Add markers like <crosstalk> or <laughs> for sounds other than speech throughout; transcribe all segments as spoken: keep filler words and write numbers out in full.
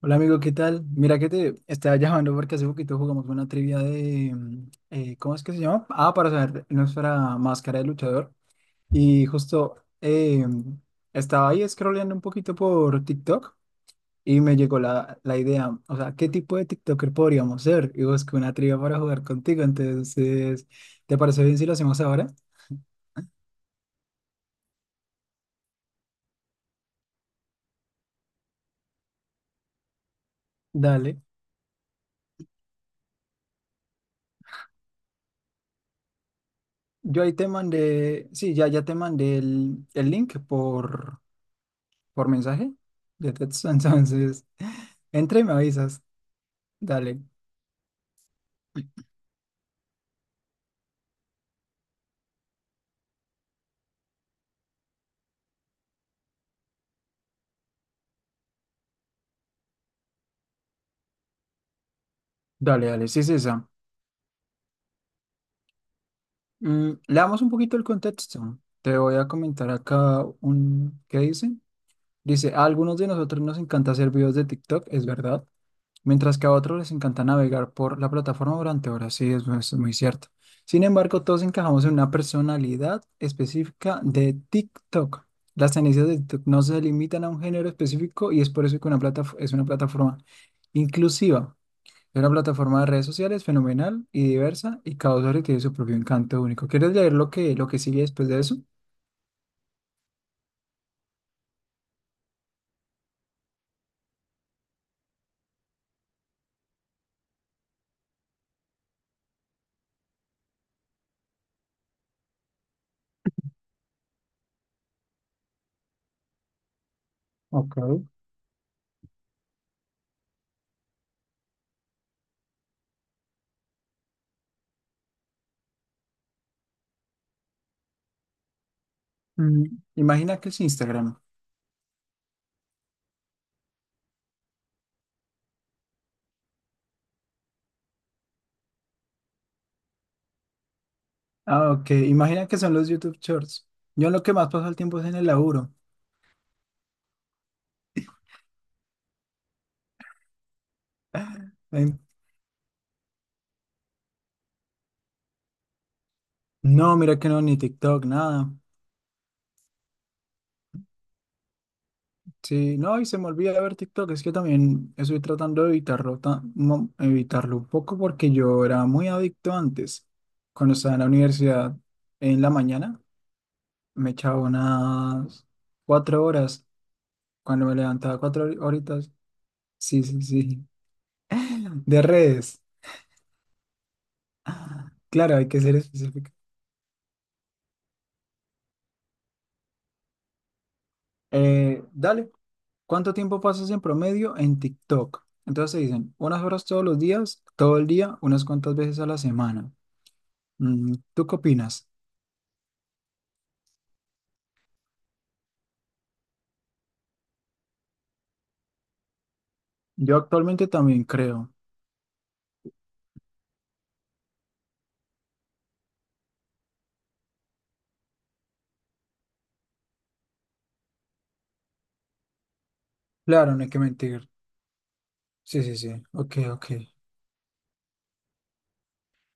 Hola amigo, ¿qué tal? Mira que te estaba llamando porque hace poquito jugamos una trivia de, mm, eh, ¿cómo es que se llama? Ah, para saber nuestra máscara de luchador. Y justo eh, estaba ahí scrolleando un poquito por TikTok y me llegó la, la idea, o sea, ¿qué tipo de TikToker podríamos ser? Y busqué una trivia para jugar contigo, entonces, ¿te parece bien si lo hacemos ahora? Dale. Yo ahí te mandé, sí, ya, ya te mandé el, el link por mensaje de texto. <laughs> Entonces, entra y me avisas. Dale, dale, dale, sí es esa. Mm, le damos un poquito el contexto. Te voy a comentar acá un... ¿Qué dice? Dice, a algunos de nosotros nos encanta hacer videos de TikTok, es verdad. Mientras que a otros les encanta navegar por la plataforma durante horas. Sí, es, es muy cierto. Sin embargo, todos encajamos en una personalidad específica de TikTok. Las tendencias de TikTok no se limitan a un género específico y es por eso que una plata, es una plataforma inclusiva. Es una plataforma de redes sociales fenomenal y diversa y cada usuario tiene su propio encanto único. ¿Quieres leer lo que, lo que sigue después de eso? Ok. Mm, imagina que es Instagram. Ah, ok. Imagina que son los YouTube Shorts. Yo en lo que más paso el tiempo es en el laburo. Em, No, mira que no, ni TikTok, nada. Sí, no, y se me olvida ver TikTok, es que también estoy tratando de evitarlo, ta- mo- evitarlo un poco porque yo era muy adicto antes. Cuando estaba en la universidad, en la mañana, me echaba unas cuatro horas, cuando me levantaba cuatro hor- horitas, sí, sí, sí, <laughs> de redes. Claro, hay que ser específico. Eh, dale. ¿Cuánto tiempo pasas en promedio en TikTok? Entonces te dicen, unas horas todos los días, todo el día, unas cuantas veces a la semana. Mm, ¿tú qué opinas? Yo actualmente también creo. Claro, no hay que mentir. Sí, sí, sí. Ok, ok.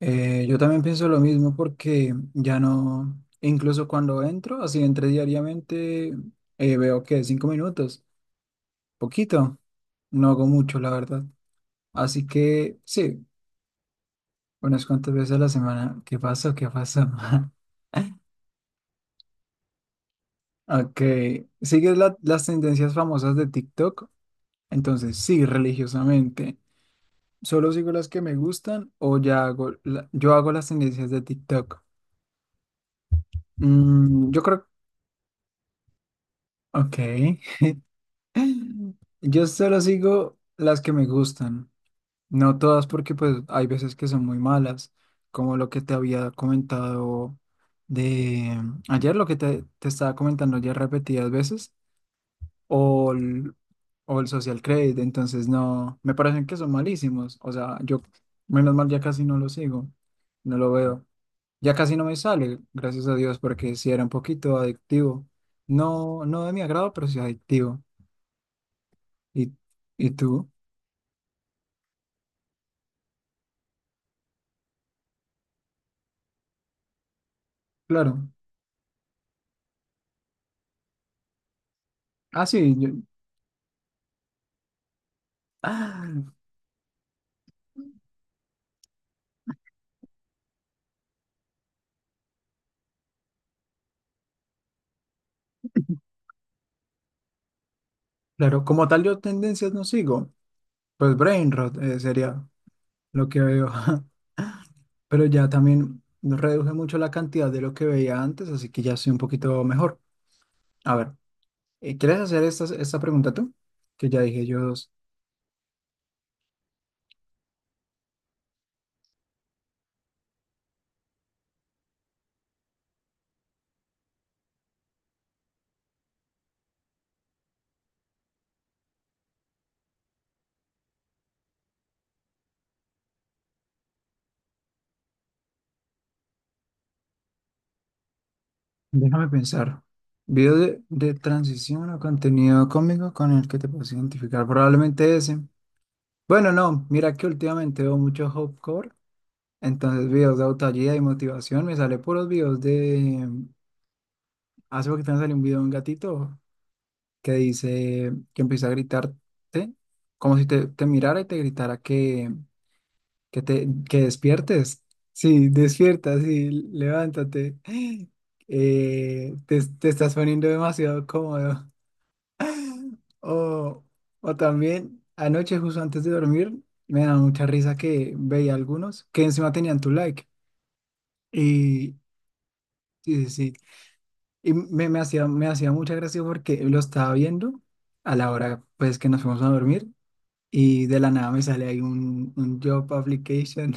Eh, yo también pienso lo mismo porque ya no, incluso cuando entro, así entre diariamente, eh, veo que cinco minutos, poquito, no hago mucho, la verdad. Así que sí, unas cuantas veces a la semana. ¿Qué pasó? ¿Qué pasó? <laughs> Ok, ¿sigues la- las tendencias famosas de TikTok? Entonces, sí, religiosamente. ¿Solo sigo las que me gustan o ya hago, la- yo hago las tendencias de TikTok? Mm, yo creo, ok. <laughs> Yo solo sigo las que me gustan, no todas porque pues hay veces que son muy malas, como lo que te había comentado de mm, ayer, lo que te, te estaba comentando ya repetidas veces. o el, o el Social Credit, entonces no, me parecen que son malísimos, o sea, yo menos mal ya casi no lo sigo, no lo veo, ya casi no me sale, gracias a Dios, porque sí era un poquito adictivo, no, no de mi agrado, pero sí adictivo, y, y tú, claro, ah, sí, yo- ah, claro, como tal yo tendencias no sigo, pues brain rot eh, sería lo que veo, <laughs> pero ya también reduje mucho la cantidad de lo que veía antes, así que ya soy un poquito mejor. A ver. Eh, ¿Quieres hacer esta, esta pregunta tú? Que ya dije yo, dos. Déjame pensar. Video de, de transición o contenido cómico con el que te puedes identificar, probablemente ese. Bueno, no, mira que últimamente veo mucho Hopcore, entonces videos de autoayuda y motivación, me sale puros videos de... Hace poquito me salió un video de un gatito que dice que empieza a gritarte como si te, te mirara y te gritara que, Que te, que despiertes. Sí, despierta, sí, levántate. Eh, te, te estás poniendo demasiado cómodo. O, o también, anoche, justo antes de dormir, me da mucha risa que veía algunos que encima tenían tu like. Y sí, sí, sí. Y me, me hacía, me hacía mucha gracia porque lo estaba viendo a la hora pues que nos fuimos a dormir. Y de la nada me sale ahí un, un job application.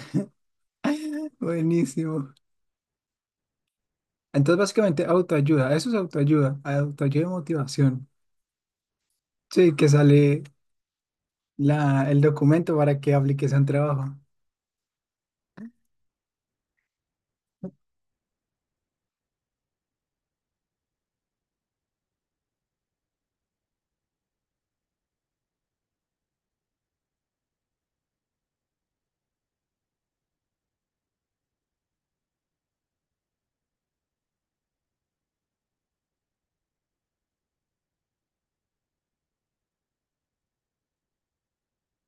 <laughs> Buenísimo. Entonces, básicamente, autoayuda, eso es autoayuda, autoayuda y motivación. Sí, que sale la, el documento para que apliques a un trabajo.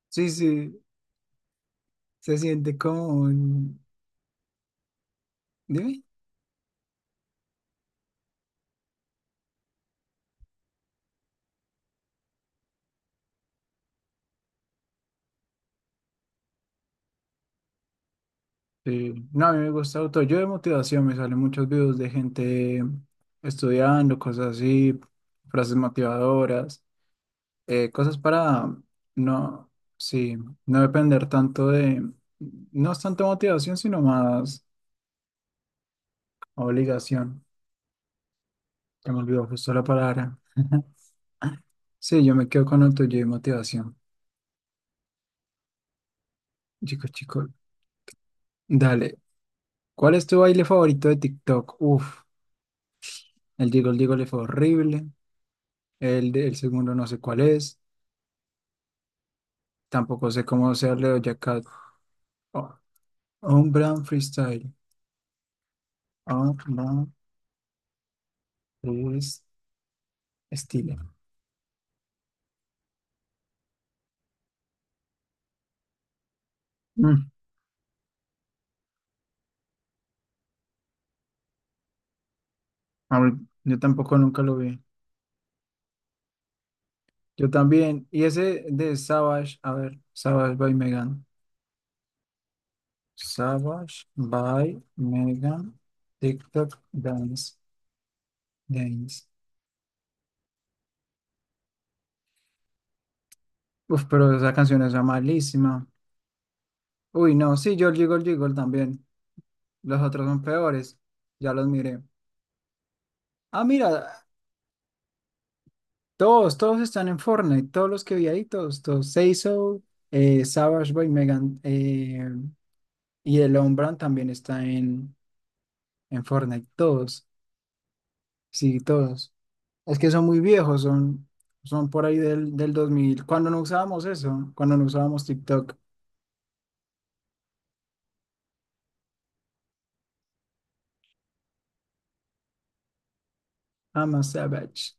Sí, sí, se siente como un... Dime. Sí. No, a mí me gusta autoayuda y motivación, me salen muchos videos de gente estudiando, cosas así, frases motivadoras, eh, cosas para no, sí, no depender tanto de, no es tanto motivación, sino más obligación. Se me olvidó justo la palabra. <laughs> Sí, yo me quedo con el tuyo de motivación. Chico, chico, dale. ¿Cuál es tu baile favorito de TikTok? Uf, el Jiggle Jiggle fue horrible. El, de- el segundo no sé cuál es. Tampoco sé cómo sea el de Cat. Oh, un brand freestyle. Un brand freestyle. Mm, a ver, yo tampoco nunca lo vi. Yo también. Y ese de Savage, a ver, Savage by Megan. Savage by Megan. TikTok Dance. Dance. Uf, pero esa canción es malísima. Uy, no, sí, Georgie Gold Georgie Gold también. Los otros son peores. Ya los miré. Ah, mira, todos, todos están en Fortnite. Todos los que vi ahí, todos, todos. Seiso, eh, Savage Boy, Megan eh, y el Lombran también está en, en Fortnite. Todos, sí, todos. Es que son muy viejos, son, son por ahí del, del dos mil. Cuando no usábamos eso, cuando no usábamos TikTok. I'm a Savage.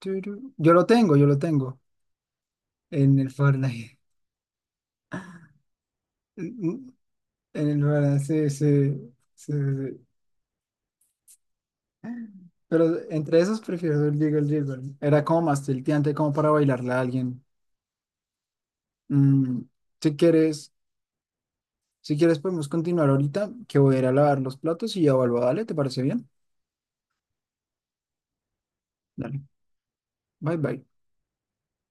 Turu. Yo lo tengo, yo lo tengo en el Fortnite. En el balance, sí, sí, sí, sí. sí. Pero entre esos prefiero el Jiggle Jiggle. Era como más tilteante, como para bailarle a alguien. Mm, si quieres, si quieres podemos continuar ahorita, que voy a ir a lavar los platos y ya vuelvo. Dale, ¿te parece bien? Dale. Bye bye.